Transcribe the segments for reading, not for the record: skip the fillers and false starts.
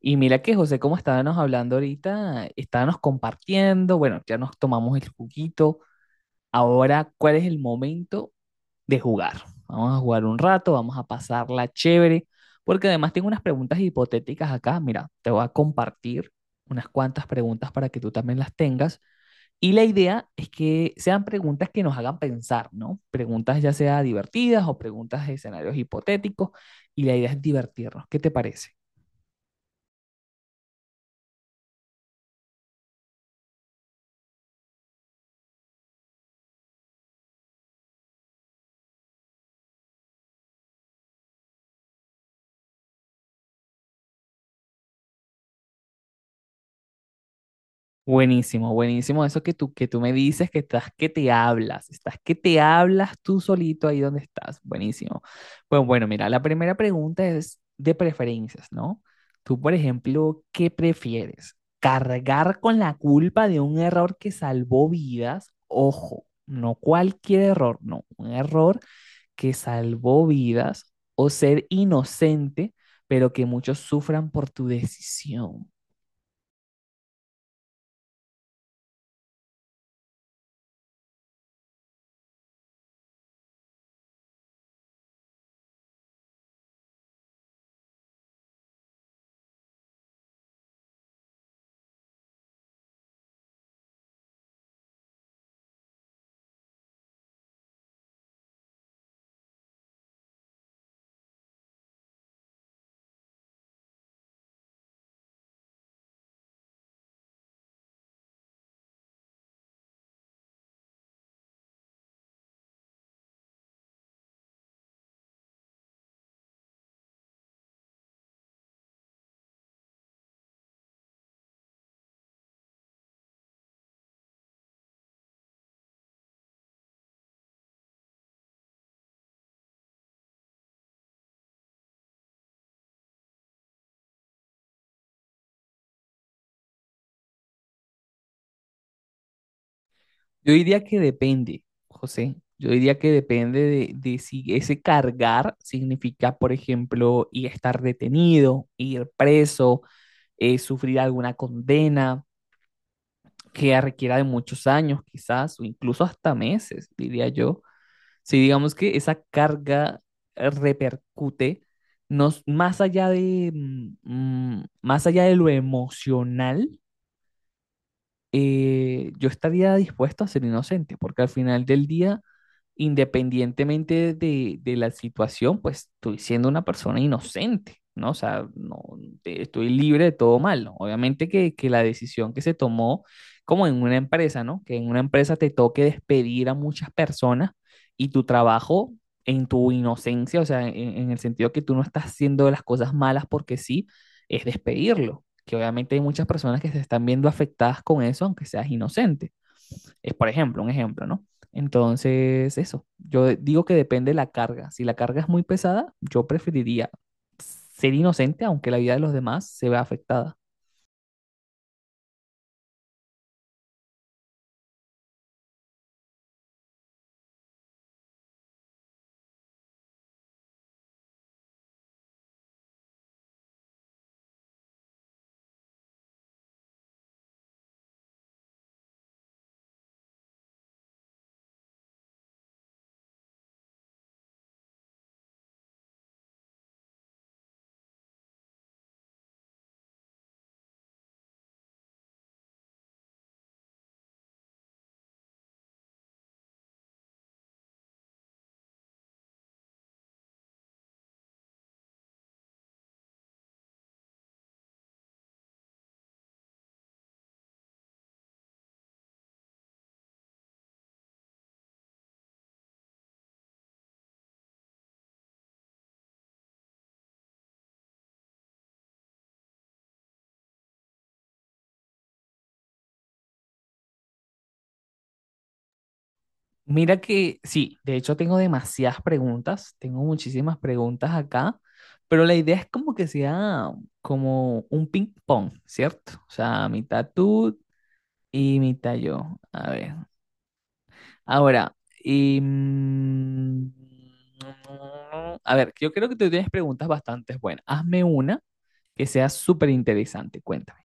Y mira que José, como estábamos hablando ahorita, estábamos compartiendo, bueno, ya nos tomamos el juguito. Ahora, ¿cuál es el momento de jugar? Vamos a jugar un rato, vamos a pasarla chévere, porque además tengo unas preguntas hipotéticas acá. Mira, te voy a compartir unas cuantas preguntas para que tú también las tengas. Y la idea es que sean preguntas que nos hagan pensar, ¿no? Preguntas ya sea divertidas o preguntas de escenarios hipotéticos, y la idea es divertirnos. ¿Qué te parece? Buenísimo, buenísimo. Eso que tú me dices, que estás que te hablas, estás que te hablas tú solito ahí donde estás. Buenísimo. Pues bueno, mira, la primera pregunta es de preferencias, ¿no? Tú, por ejemplo, ¿qué prefieres? ¿Cargar con la culpa de un error que salvó vidas? Ojo, no cualquier error, no, un error que salvó vidas o ser inocente, pero que muchos sufran por tu decisión. Yo diría que depende, José. Yo diría que depende de si ese cargar significa, por ejemplo, ir a estar detenido, ir preso, sufrir alguna condena que requiera de muchos años, quizás, o incluso hasta meses, diría yo. Si digamos que esa carga repercute nos, más allá de, más allá de lo emocional, yo estaría dispuesto a ser inocente, porque al final del día independientemente de la situación, pues estoy siendo una persona inocente, ¿no? O sea, no, estoy libre de todo mal, ¿no? Obviamente que la decisión que se tomó, como en una empresa, ¿no? Que en una empresa te toque despedir a muchas personas y tu trabajo en tu inocencia, o sea, en el sentido que tú no estás haciendo las cosas malas porque sí, es despedirlo, que obviamente hay muchas personas que se están viendo afectadas con eso, aunque seas inocente. Es por ejemplo, un ejemplo, ¿no? Entonces, eso, yo digo que depende de la carga. Si la carga es muy pesada, yo preferiría ser inocente aunque la vida de los demás se vea afectada. Mira que sí, de hecho tengo demasiadas preguntas, tengo muchísimas preguntas acá, pero la idea es como que sea como un ping pong, ¿cierto? O sea, mitad tú y mitad yo. A ver, ahora, y, mm, a ver, yo creo que tú tienes preguntas bastante buenas. Hazme una que sea súper interesante, cuéntame.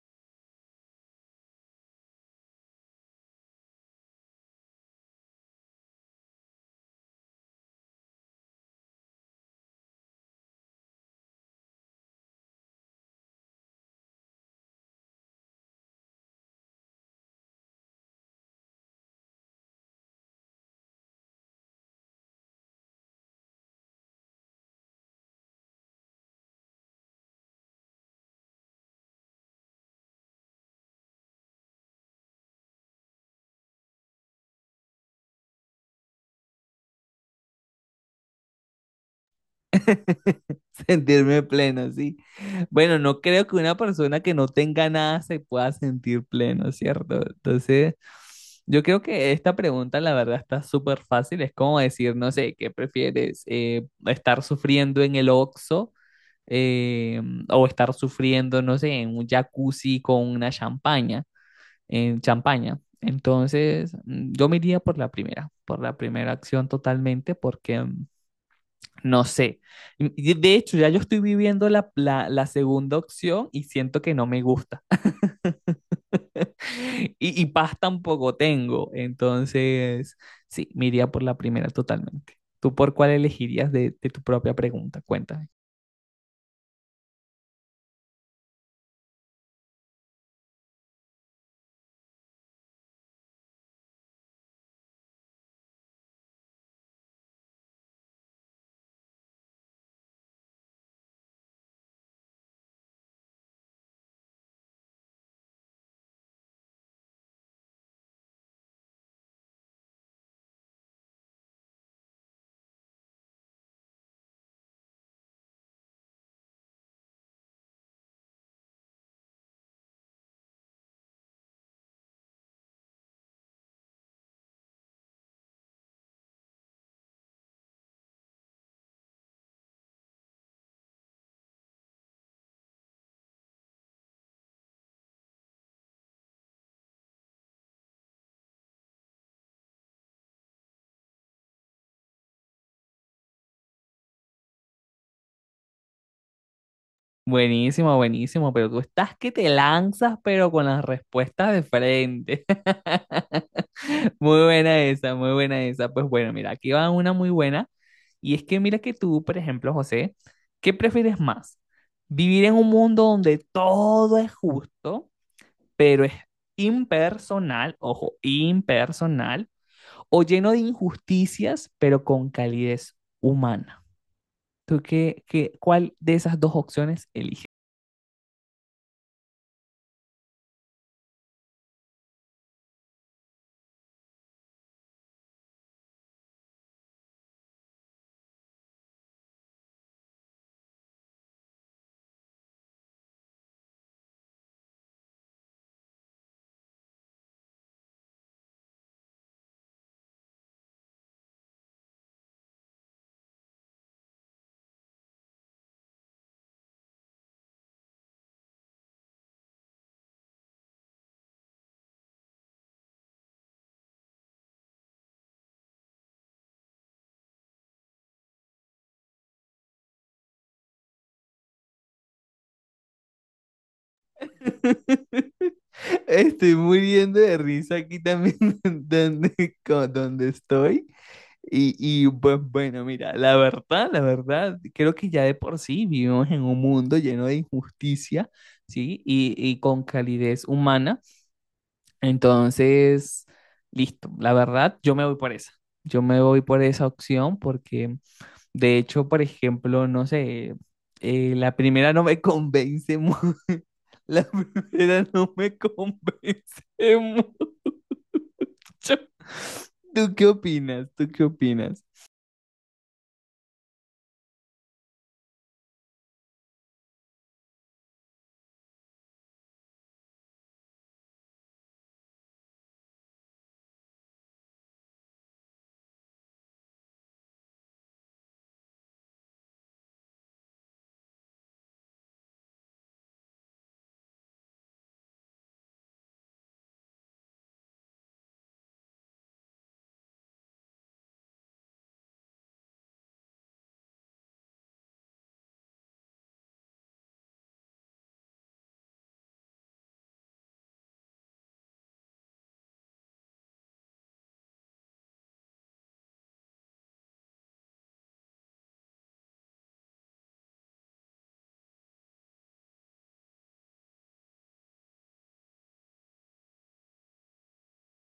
Sentirme pleno, sí. Bueno, no creo que una persona que no tenga nada se pueda sentir pleno, ¿cierto? Entonces, yo creo que esta pregunta, la verdad, está súper fácil. Es como decir, no sé, ¿qué prefieres? ¿estar sufriendo en el Oxxo eh, o estar sufriendo, no sé, en un jacuzzi con una champaña, en champaña? Entonces, yo me iría por la primera acción totalmente, porque no sé. De hecho, ya yo estoy viviendo la segunda opción y siento que no me gusta. Y, y paz tampoco tengo. Entonces, sí, me iría por la primera totalmente. ¿Tú por cuál elegirías de tu propia pregunta? Cuéntame. Buenísimo, buenísimo, pero tú estás que te lanzas, pero con las respuestas de frente. Muy buena esa, muy buena esa. Pues bueno, mira, aquí va una muy buena. Y es que mira que tú, por ejemplo, José, ¿qué prefieres más? ¿Vivir en un mundo donde todo es justo, pero es impersonal, ojo, impersonal, o lleno de injusticias, pero con calidez humana? ¿ cuál de esas dos opciones eliges? Estoy muriendo de risa aquí también donde, donde estoy. Y, y pues bueno, mira, la verdad, creo que ya de por sí vivimos en un mundo lleno de injusticia, ¿sí? Y con calidez humana. Entonces, listo, la verdad, yo me voy por esa. Yo me voy por esa opción porque de hecho, por ejemplo, no sé, la primera no me convence mucho. La primera no me convence mucho. ¿Tú qué opinas? ¿Tú qué opinas?